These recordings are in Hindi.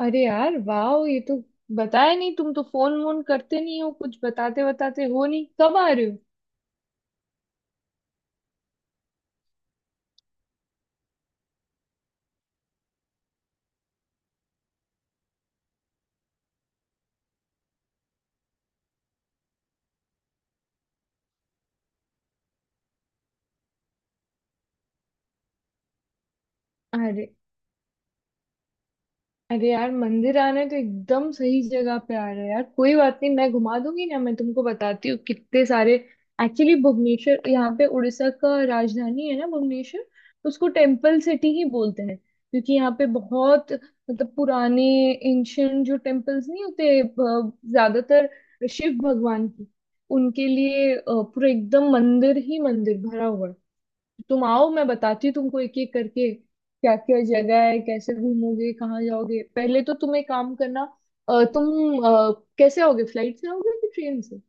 अरे यार वाह, ये तो बताया नहीं। तुम तो फोन वोन करते नहीं हो। कुछ बताते बताते हो नहीं। कब आ रहे हो? अरे अरे यार, मंदिर आने तो एकदम सही जगह पे आ रहे हैं यार। कोई बात नहीं, मैं घुमा दूंगी ना। मैं तुमको बताती हूँ कितने सारे। एक्चुअली भुवनेश्वर, यहाँ पे उड़ीसा का राजधानी है ना, भुवनेश्वर तो उसको टेम्पल सिटी ही बोलते हैं, क्योंकि यहाँ पे बहुत मतलब पुराने एंशियंट जो टेम्पल्स नहीं होते ज्यादातर शिव भगवान की, उनके लिए पूरा एकदम मंदिर ही मंदिर भरा हुआ है। तुम आओ, मैं बताती हूँ तुमको एक एक करके क्या क्या जगह है, कैसे घूमोगे, कहाँ जाओगे। पहले तो तुम एक काम करना, तुम कैसे आओगे, फ्लाइट से आओगे कि ट्रेन से?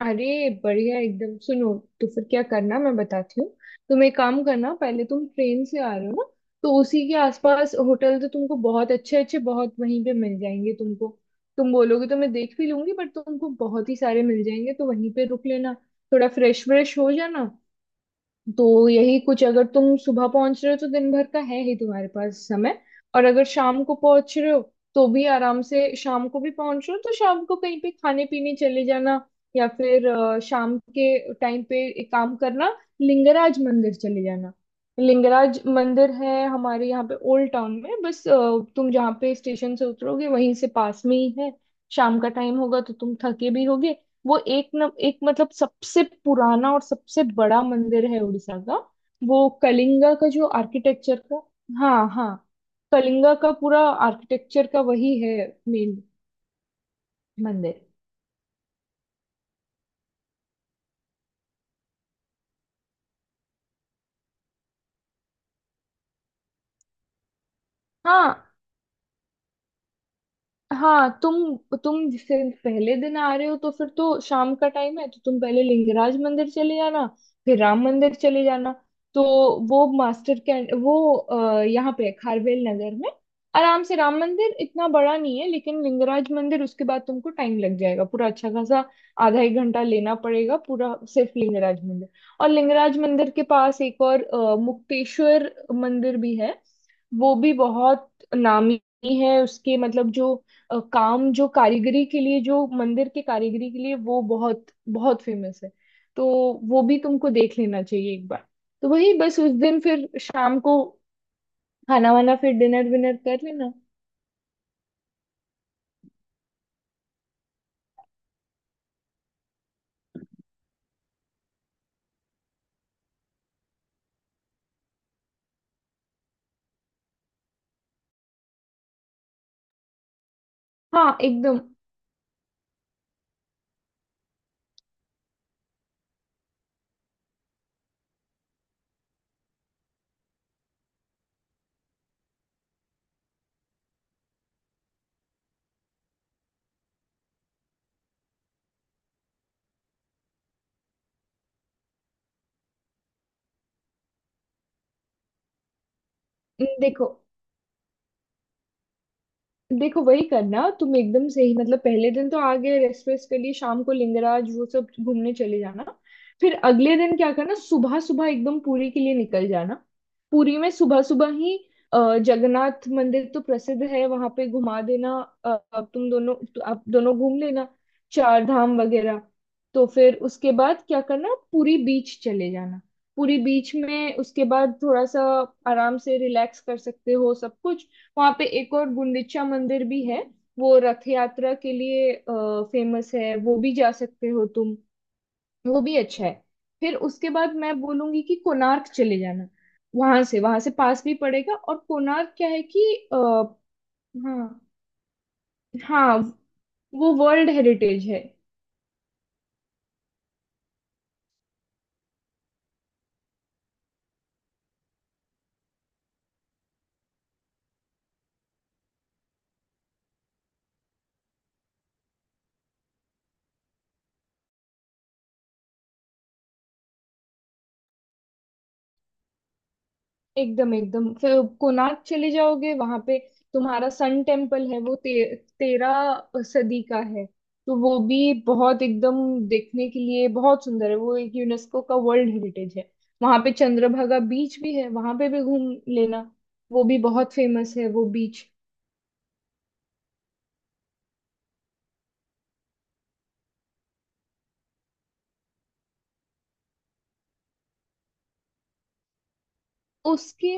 अरे बढ़िया एकदम, सुनो। तो फिर क्या करना मैं बताती हूँ। तुम एक काम करना, पहले तुम ट्रेन से आ रहे हो ना, तो उसी के आसपास होटल तो तुमको बहुत अच्छे अच्छे बहुत वहीं पे मिल जाएंगे तुमको। तुम बोलोगे तो मैं देख भी लूंगी, बट तुमको बहुत ही सारे मिल जाएंगे, तो वहीं पे रुक लेना। थोड़ा फ्रेश व्रेश हो जाना। तो यही कुछ, अगर तुम सुबह पहुंच रहे हो तो दिन भर का है ही तुम्हारे पास समय। और अगर शाम को पहुंच रहे हो तो भी आराम से, शाम को भी पहुंच रहे हो तो शाम को कहीं पे खाने पीने चले जाना। या फिर शाम के टाइम पे एक काम करना, लिंगराज मंदिर चले जाना। लिंगराज मंदिर है हमारे यहाँ पे ओल्ड टाउन में, बस तुम जहाँ पे स्टेशन से उतरोगे वहीं से पास में ही है। शाम का टाइम होगा तो तुम थके भी होगे। वो एक न एक मतलब सबसे पुराना और सबसे बड़ा मंदिर है उड़ीसा का। वो कलिंगा का जो आर्किटेक्चर का। हाँ हाँ, कलिंगा का पूरा आर्किटेक्चर का वही है मेन मंदिर। हाँ हाँ, तुम जिससे पहले दिन आ रहे हो, तो फिर तो शाम का टाइम है तो तुम पहले लिंगराज मंदिर चले जाना, फिर राम मंदिर चले जाना। तो वो मास्टर कैंट, वो यहाँ पे है, खारवेल नगर में। आराम से, राम मंदिर इतना बड़ा नहीं है, लेकिन लिंगराज मंदिर उसके बाद तुमको टाइम लग जाएगा पूरा अच्छा खासा। आधा एक घंटा लेना पड़ेगा पूरा सिर्फ लिंगराज मंदिर। और लिंगराज मंदिर के पास एक और मुक्तेश्वर मंदिर भी है। वो भी बहुत नामी है, उसके मतलब जो काम, जो कारीगरी के लिए, जो मंदिर के कारीगरी के लिए वो बहुत बहुत फेमस है। तो वो भी तुमको देख लेना चाहिए एक बार। तो वही बस उस दिन फिर शाम को खाना वाना, फिर डिनर विनर कर लेना। हाँ एकदम, देखो देखो, वही करना तुम एकदम सही। मतलब पहले दिन तो आगे रेस्ट वेस्ट के लिए शाम को लिंगराज वो सब घूमने चले जाना। फिर अगले दिन क्या करना, सुबह सुबह एकदम पुरी के लिए निकल जाना। पुरी में सुबह सुबह ही जगन्नाथ मंदिर तो प्रसिद्ध है, वहां पे घुमा देना। अब तुम दोनों तो, आप दोनों घूम लेना चार धाम वगैरह। तो फिर उसके बाद क्या करना, पुरी बीच चले जाना। पुरी बीच में उसके बाद थोड़ा सा आराम से रिलैक्स कर सकते हो सब कुछ। वहां पे एक और गुंडिचा मंदिर भी है। वो रथ यात्रा के लिए फेमस है, वो भी जा सकते हो तुम, वो भी अच्छा है। फिर उसके बाद मैं बोलूंगी कि कोणार्क चले जाना। वहां से, वहां से पास भी पड़ेगा। और कोणार्क क्या है कि आ, हाँ हाँ, वो वर्ल्ड हेरिटेज है। एकदम एकदम, फिर कोणार्क चले जाओगे, वहां पे तुम्हारा सन टेम्पल है, वो तेरह सदी का है। तो वो भी बहुत एकदम देखने के लिए बहुत सुंदर है। वो एक यूनेस्को का वर्ल्ड हेरिटेज है। वहां पे चंद्रभागा बीच भी है, वहां पे भी घूम लेना। वो भी बहुत फेमस है वो बीच। उसके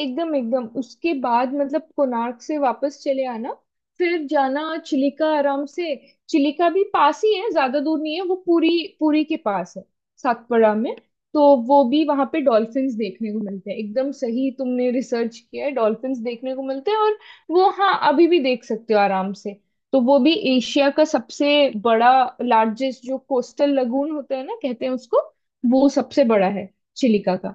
एकदम एकदम, उसके बाद मतलब कोणार्क से वापस चले आना। फिर जाना चिलिका, आराम से। चिलिका भी पास ही है, ज्यादा दूर नहीं है, वो पूरी। पूरी के पास है, सातपड़ा में। तो वो भी वहां पे डॉल्फिन्स देखने को मिलते हैं। एकदम सही, तुमने रिसर्च किया है, डॉल्फिन्स देखने को मिलते हैं। और वो हाँ, अभी भी देख सकते हो आराम से। तो वो भी एशिया का सबसे बड़ा, लार्जेस्ट जो कोस्टल लगून होता है ना, कहते हैं उसको, वो सबसे बड़ा है चिलिका का।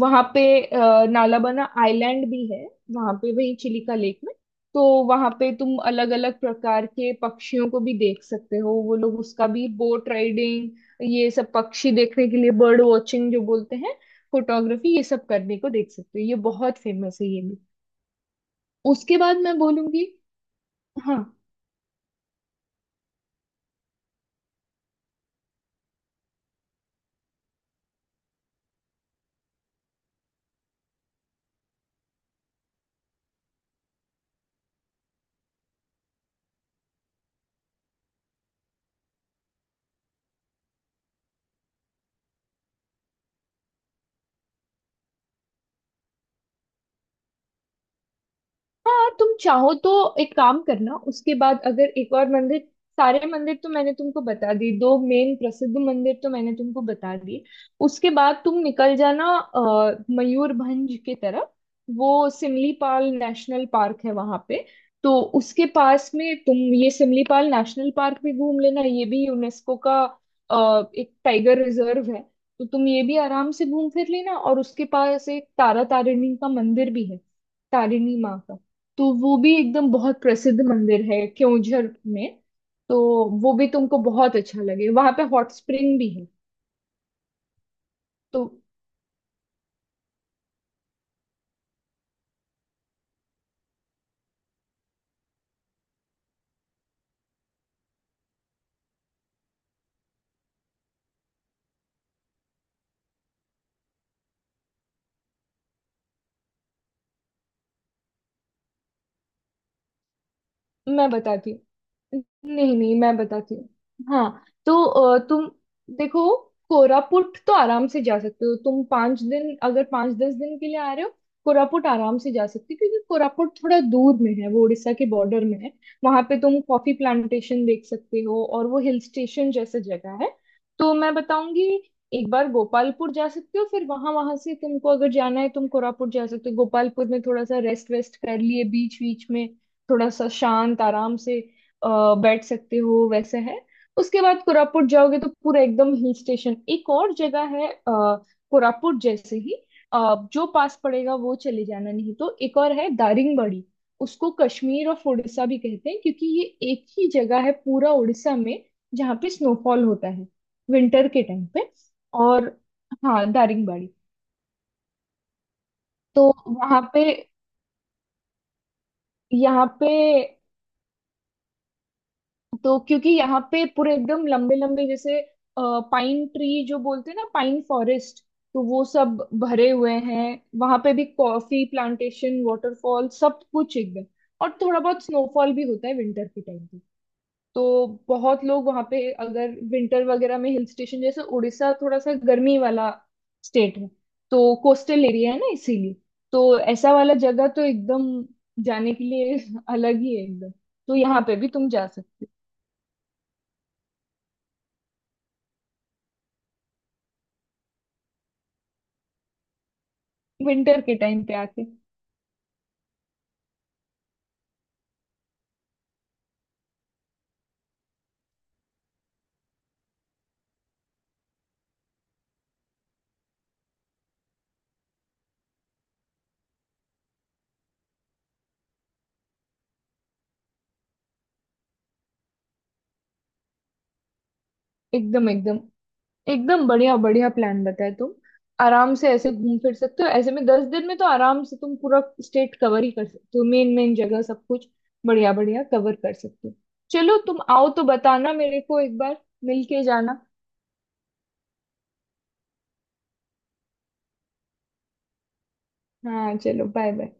वहां पे नालाबना आइलैंड भी है वहां पे, वही चिलिका लेक में। तो वहां पे तुम अलग अलग प्रकार के पक्षियों को भी देख सकते हो। वो लोग उसका भी बोट राइडिंग, ये सब पक्षी देखने के लिए बर्ड वॉचिंग जो बोलते हैं, फोटोग्राफी, ये सब करने को देख सकते हो। ये बहुत फेमस है ये भी। उसके बाद मैं बोलूंगी, हाँ हाँ, तुम चाहो तो एक काम करना, उसके बाद अगर एक और मंदिर, सारे मंदिर तो मैंने तुमको बता दिए, दो मेन प्रसिद्ध मंदिर तो मैंने तुमको बता दिए। उसके बाद तुम निकल जाना मयूरभंज की तरफ। वो सिमलीपाल नेशनल पार्क है वहां पे। तो उसके पास में तुम ये सिमलीपाल नेशनल पार्क भी घूम लेना। ये भी यूनेस्को का एक टाइगर रिजर्व है। तो तुम ये भी आराम से घूम फिर लेना। और उसके पास एक तारा तारिणी का मंदिर भी है, तारिणी माँ का। तो वो भी एकदम बहुत प्रसिद्ध मंदिर है क्योंझर में। तो वो भी तुमको बहुत अच्छा लगे। वहां पे हॉट स्प्रिंग भी है। तो मैं बताती हूँ, नहीं नहीं मैं बताती हूँ। हाँ तो तुम देखो, कोरापुट तो आराम से जा सकते हो तुम। 5 दिन, अगर 5-10 दिन के लिए आ रहे हो, कोरापुट आराम से जा सकते हो, क्योंकि कोरापुट थोड़ा दूर में है, वो उड़ीसा के बॉर्डर में है। वहां पे तुम कॉफी प्लांटेशन देख सकते हो और वो हिल स्टेशन जैसा जगह है। तो मैं बताऊंगी, एक बार गोपालपुर जा सकते हो, फिर वहां, वहां से तुमको अगर जाना है तुम कोरापुट जा सकते हो। गोपालपुर में थोड़ा सा रेस्ट वेस्ट कर लिए बीच बीच में, थोड़ा सा शांत आराम से अ, बैठ सकते हो, वैसे है। उसके बाद कोरापुट जाओगे तो पूरा एकदम हिल स्टेशन। एक और जगह है कोरापुट जैसे ही जो पास पड़ेगा वो चले जाना। नहीं तो एक और है दारिंगबाड़ी, उसको कश्मीर ऑफ उड़ीसा भी कहते हैं, क्योंकि ये एक ही जगह है पूरा उड़ीसा में जहाँ पे स्नोफॉल होता है विंटर के टाइम पे। और हाँ, दारिंगबाड़ी, तो वहाँ पे, यहाँ पे, तो क्योंकि यहाँ पे पूरे एकदम लंबे लंबे जैसे पाइन ट्री जो बोलते हैं ना, पाइन फॉरेस्ट, तो वो सब भरे हुए हैं। वहां पे भी कॉफी प्लांटेशन, वाटरफॉल, सब कुछ एकदम। और थोड़ा बहुत स्नोफॉल भी होता है विंटर के टाइम पे। तो बहुत लोग वहां पे, अगर विंटर वगैरह में हिल स्टेशन जैसे, उड़ीसा थोड़ा सा गर्मी वाला स्टेट है, तो कोस्टल एरिया है ना इसीलिए, तो ऐसा वाला जगह तो एकदम जाने के लिए अलग ही है एकदम। तो यहाँ पे भी तुम जा सकते हो विंटर के टाइम पे आके। एकदम एकदम, एकदम बढ़िया बढ़िया प्लान बताया तुम। आराम से ऐसे घूम फिर सकते हो। ऐसे में 10 दिन में तो आराम से तुम पूरा स्टेट कवर ही कर सकते हो, मेन मेन जगह सब कुछ बढ़िया बढ़िया कवर कर सकते हो। चलो तुम आओ तो बताना मेरे को, एक बार मिल के जाना। हाँ चलो, बाय बाय।